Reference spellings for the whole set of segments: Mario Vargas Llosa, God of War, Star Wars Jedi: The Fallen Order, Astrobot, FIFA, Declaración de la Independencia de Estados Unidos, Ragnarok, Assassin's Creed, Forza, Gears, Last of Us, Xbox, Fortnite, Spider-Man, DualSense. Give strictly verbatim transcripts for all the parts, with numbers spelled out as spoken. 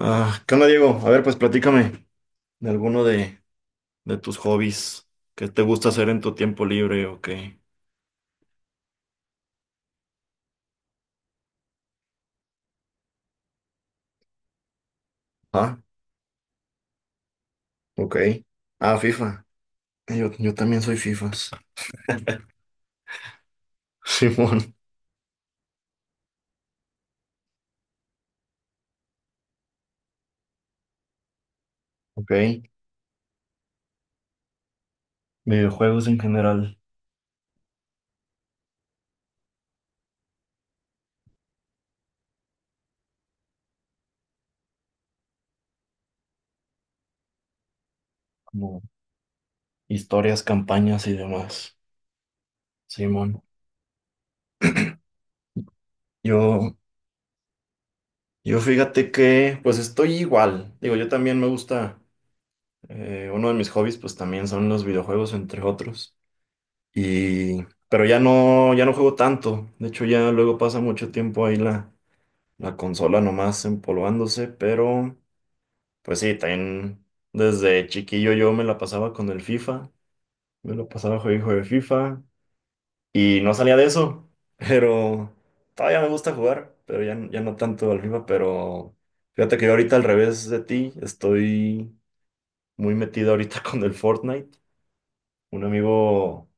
Ah, ¿qué onda, Diego? A ver, pues platícame de alguno de, de tus hobbies. ¿Qué te gusta hacer en tu tiempo libre o qué? Ah, ok. Ah, FIFA. Eh, Yo, yo también soy FIFAs. Simón. Ok. Videojuegos en general, como historias, campañas y demás. Simón. Yo, yo fíjate que, pues estoy igual. Digo, yo también me gusta, eh, uno de mis hobbies, pues también son los videojuegos, entre otros. Y, pero ya no, ya no juego tanto. De hecho, ya luego pasa mucho tiempo ahí la, la consola nomás empolvándose. Pero, pues sí, también desde chiquillo yo me la pasaba con el FIFA. Me lo pasaba juego de FIFA. Y no salía de eso. Pero todavía me gusta jugar. Pero ya, ya no tanto al FIFA. Pero fíjate que yo ahorita al revés de ti. Estoy muy metido ahorita con el Fortnite. Un amigo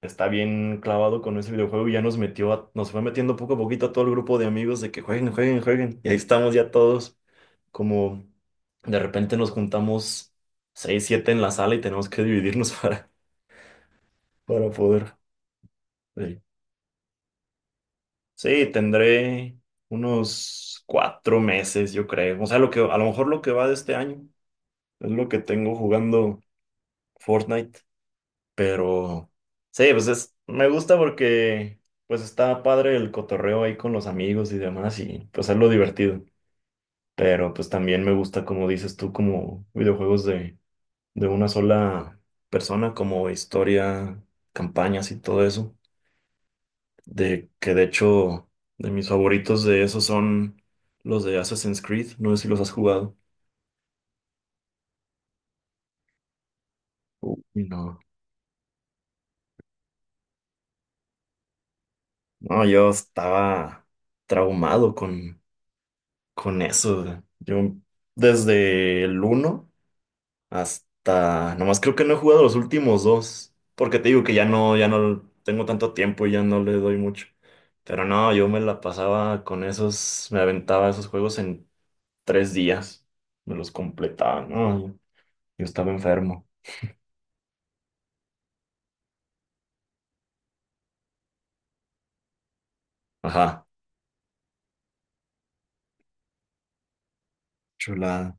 está bien clavado con ese videojuego y ya nos metió a- nos fue metiendo poco a poquito a todo el grupo de amigos de que jueguen, jueguen, jueguen. Y ahí estamos ya todos, como de repente nos juntamos seis, siete en la sala y tenemos que dividirnos para, para, poder. Sí. Sí, tendré unos cuatro meses, yo creo. O sea, lo que, a lo mejor lo que va de este año es lo que tengo jugando Fortnite. Pero sí, pues es, me gusta porque pues está padre el cotorreo ahí con los amigos y demás y pues es lo divertido. Pero pues también me gusta, como dices tú, como videojuegos de, de una sola persona, como historia, campañas y todo eso. De que de hecho, de mis favoritos de esos son los de Assassin's Creed. No sé si los has jugado. Uy, no. No, yo estaba traumado con Con eso, yo desde el uno hasta, nomás creo que no he jugado los últimos dos, porque te digo que ya no, ya no tengo tanto tiempo y ya no le doy mucho. Pero no, yo me la pasaba con esos, me aventaba esos juegos en tres días, me los completaba, ¿no? Yo, yo estaba enfermo. Ajá, chulada.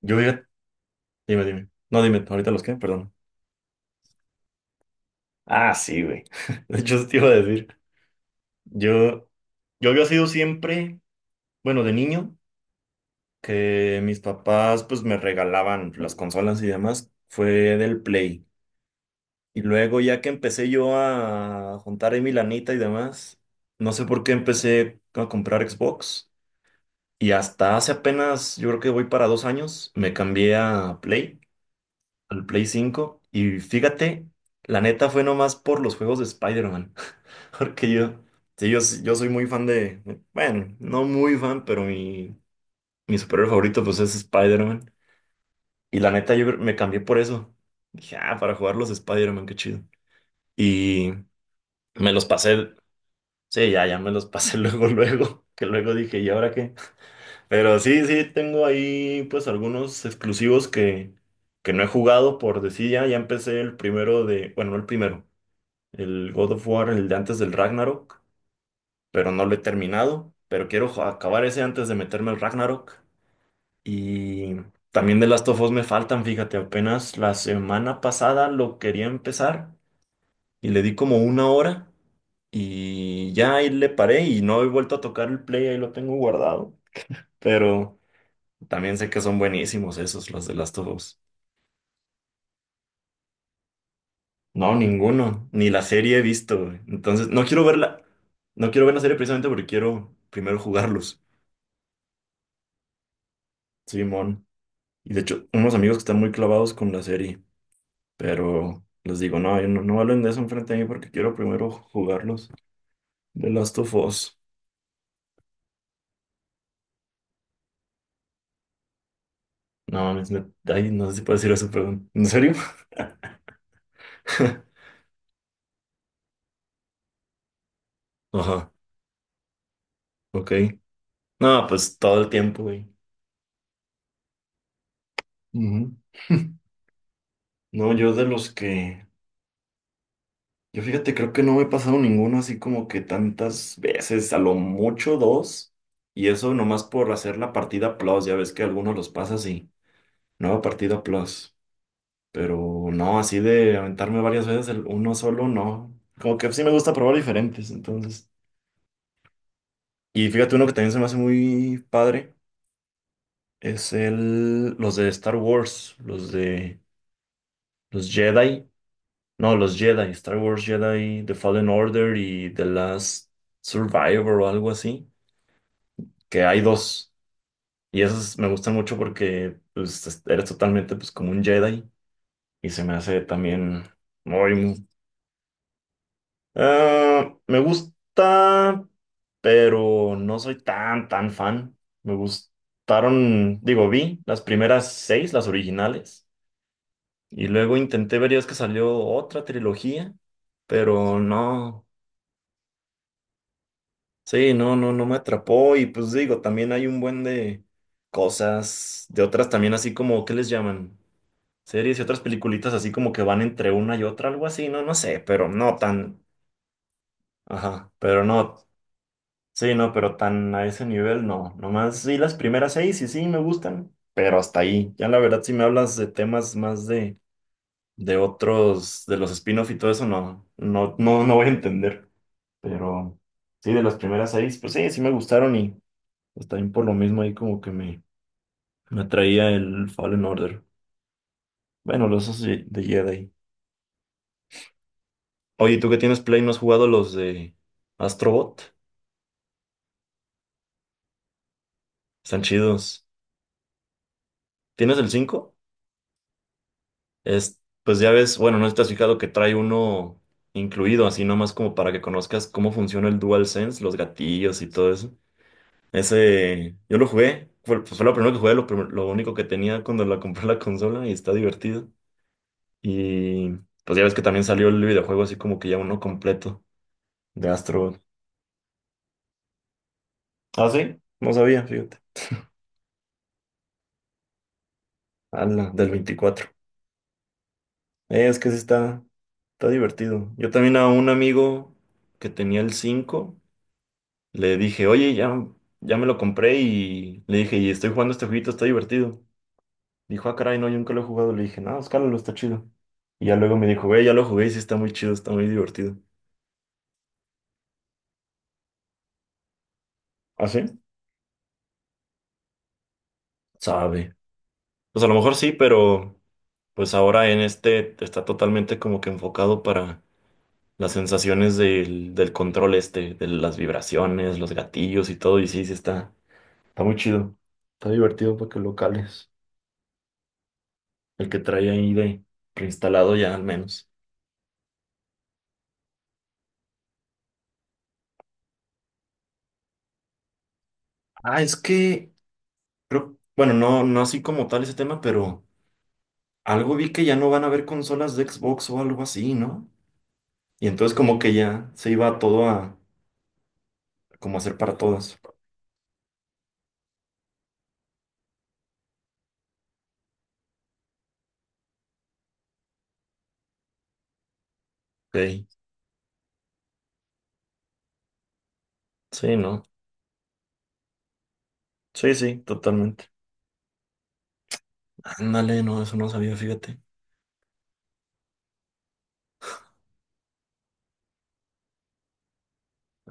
Yo, fíjate- Dime, dime. No, dime, ahorita los qué, perdón. Ah, sí, güey. De hecho, eso te iba a decir. Yo, yo había sido siempre, bueno, de niño. Que mis papás pues me regalaban las consolas y demás fue del Play. Y luego ya que empecé yo a juntar ahí mi lanita y demás, no sé por qué empecé a comprar Xbox. Y hasta hace apenas, yo creo que voy para dos años, me cambié a Play, al Play cinco. Y fíjate, la neta fue nomás por los juegos de Spider-Man. Porque yo, sí, yo, yo soy muy fan de, bueno, no muy fan, pero mi, mi superhéroe favorito pues es Spider-Man. Y la neta, yo me cambié por eso. Dije, ah, para jugar los Spider-Man, qué chido. Y me los pasé. Sí, ya, ya me los pasé luego, luego. Que luego dije, ¿y ahora qué? Pero sí, sí, tengo ahí pues algunos exclusivos que, que no he jugado por decir ya. Ya empecé el primero de, bueno, no el primero, el God of War, el de antes del Ragnarok, pero no lo he terminado. Pero quiero ju- acabar ese antes de meterme al Ragnarok. Y también de Last of Us me faltan, fíjate, apenas la semana pasada lo quería empezar y le di como una hora y ya ahí le paré y no he vuelto a tocar el play, ahí lo tengo guardado. Pero también sé que son buenísimos esos, los de Last of Us. No, ninguno, ni la serie he visto, güey. Entonces, no quiero verla, no quiero ver la serie precisamente porque quiero primero jugarlos, Simón. Y de hecho, unos amigos que están muy clavados con la serie. Pero les digo, no, yo no, no hablen de eso enfrente de mí porque quiero primero jugarlos. The Last of Us. No, mames, me- ay, no sé si puedo decir eso, pero... ¿En serio? Ajá, ok. No, pues todo el tiempo, güey. Ujú. No, yo de los que... Yo fíjate, creo que no me he pasado ninguno así como que tantas veces, a lo mucho dos. Y eso nomás por hacer la partida plus, ya ves que algunos los pasas y... Nueva partida plus. Pero no, así de aventarme varias veces el uno solo, no. Como que sí me gusta probar diferentes, entonces. Y fíjate, uno que también se me hace muy padre es el, los de Star Wars, los de los Jedi. No, los Jedi, Star Wars Jedi, The Fallen Order y The Last Survivor o algo así, que hay dos. Y esos me gustan mucho porque pues, es- eres totalmente pues, como un Jedi y se me hace también muy... ah, me gusta... pero no soy tan, tan fan. Me gustaron, digo, vi las primeras seis, las originales, y luego intenté ver, ya es que salió otra trilogía, pero no, sí, no, no, no me atrapó, y pues digo, también hay un buen de cosas, de otras también así como, ¿qué les llaman? Series y otras peliculitas así como que van entre una y otra, algo así, no, no sé, pero no tan, ajá, pero no. Sí, no, pero tan a ese nivel no. Nomás sí, las primeras seis y sí me gustan, pero hasta ahí. Ya la verdad, si me hablas de temas más de, de otros, de los spin-off y todo eso, no, no, no, no voy a entender. Pero sí, de las primeras seis, pues sí, sí me gustaron y pues también por lo mismo ahí como que me, me atraía el Fallen Order. Bueno, los esos de de Jedi. Oye, ¿tú que tienes Play no has jugado los de Astrobot? Están chidos. ¿Tienes el cinco? Es, pues ya ves, bueno, no sé si te has fijado que trae uno incluido, así nomás como para que conozcas cómo funciona el DualSense, los gatillos y todo eso. Ese, yo lo jugué, fue, pues fue lo primero que jugué, lo, primer- lo único que tenía cuando la compré la consola y está divertido. Y pues ya ves que también salió el videojuego así como que ya uno completo de Astro. Ah, sí, no sabía, fíjate. Ala, del veinticuatro. Eh, es que sí está, está, divertido. Yo también a un amigo que tenía el cinco. Le dije, oye, ya, ya me lo compré y le dije, y estoy jugando este jueguito, está divertido. Dijo, ah, caray, no, yo nunca lo he jugado. Le dije, no, escálalo, está chido. Y ya luego me dijo, güey, ya lo jugué y sí está muy chido, está muy divertido. ¿Ah, sí? Sabe. Pues a lo mejor sí, pero pues ahora en este está totalmente como que enfocado para las sensaciones del, del control este, de las vibraciones, los gatillos y todo. Y sí, sí está, está, muy chido. Está divertido para que lo cales. El que trae ahí de preinstalado ya al menos. Ah, es que creo, bueno, no, no así como tal ese tema, pero algo vi que ya no van a haber consolas de Xbox o algo así, ¿no? Y entonces como que ya se iba todo a como hacer para todas. Ok. Sí, ¿no? Sí, sí, totalmente. Ándale, no, eso no sabía, fíjate.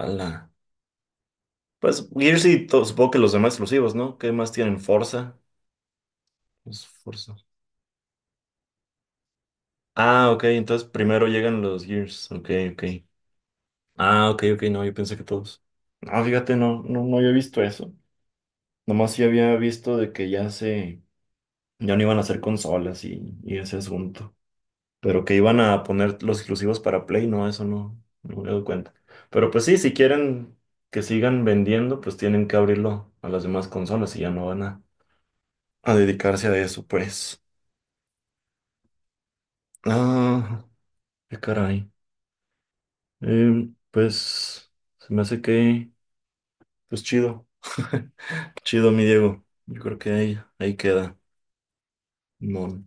Ala. Pues Gears y to- supongo que los demás exclusivos, ¿no? ¿Qué más tienen? Forza. Pues, Forza. Ah, ok, entonces primero llegan los Gears. Ok, ok. Ah, ok, ok, no, yo pensé que todos. No, fíjate, no, no, no había visto eso. Nomás yo había visto de que ya se, ya no iban a hacer consolas y, y ese asunto. Pero que iban a poner los exclusivos para Play, no, eso no, no me doy cuenta. Pero pues sí, si quieren que sigan vendiendo, pues tienen que abrirlo a las demás consolas y ya no van a, a dedicarse a eso, pues. Ah, qué caray. Em, pues se me hace que, pues chido, chido, mi Diego. Yo creo que ahí, ahí queda. No.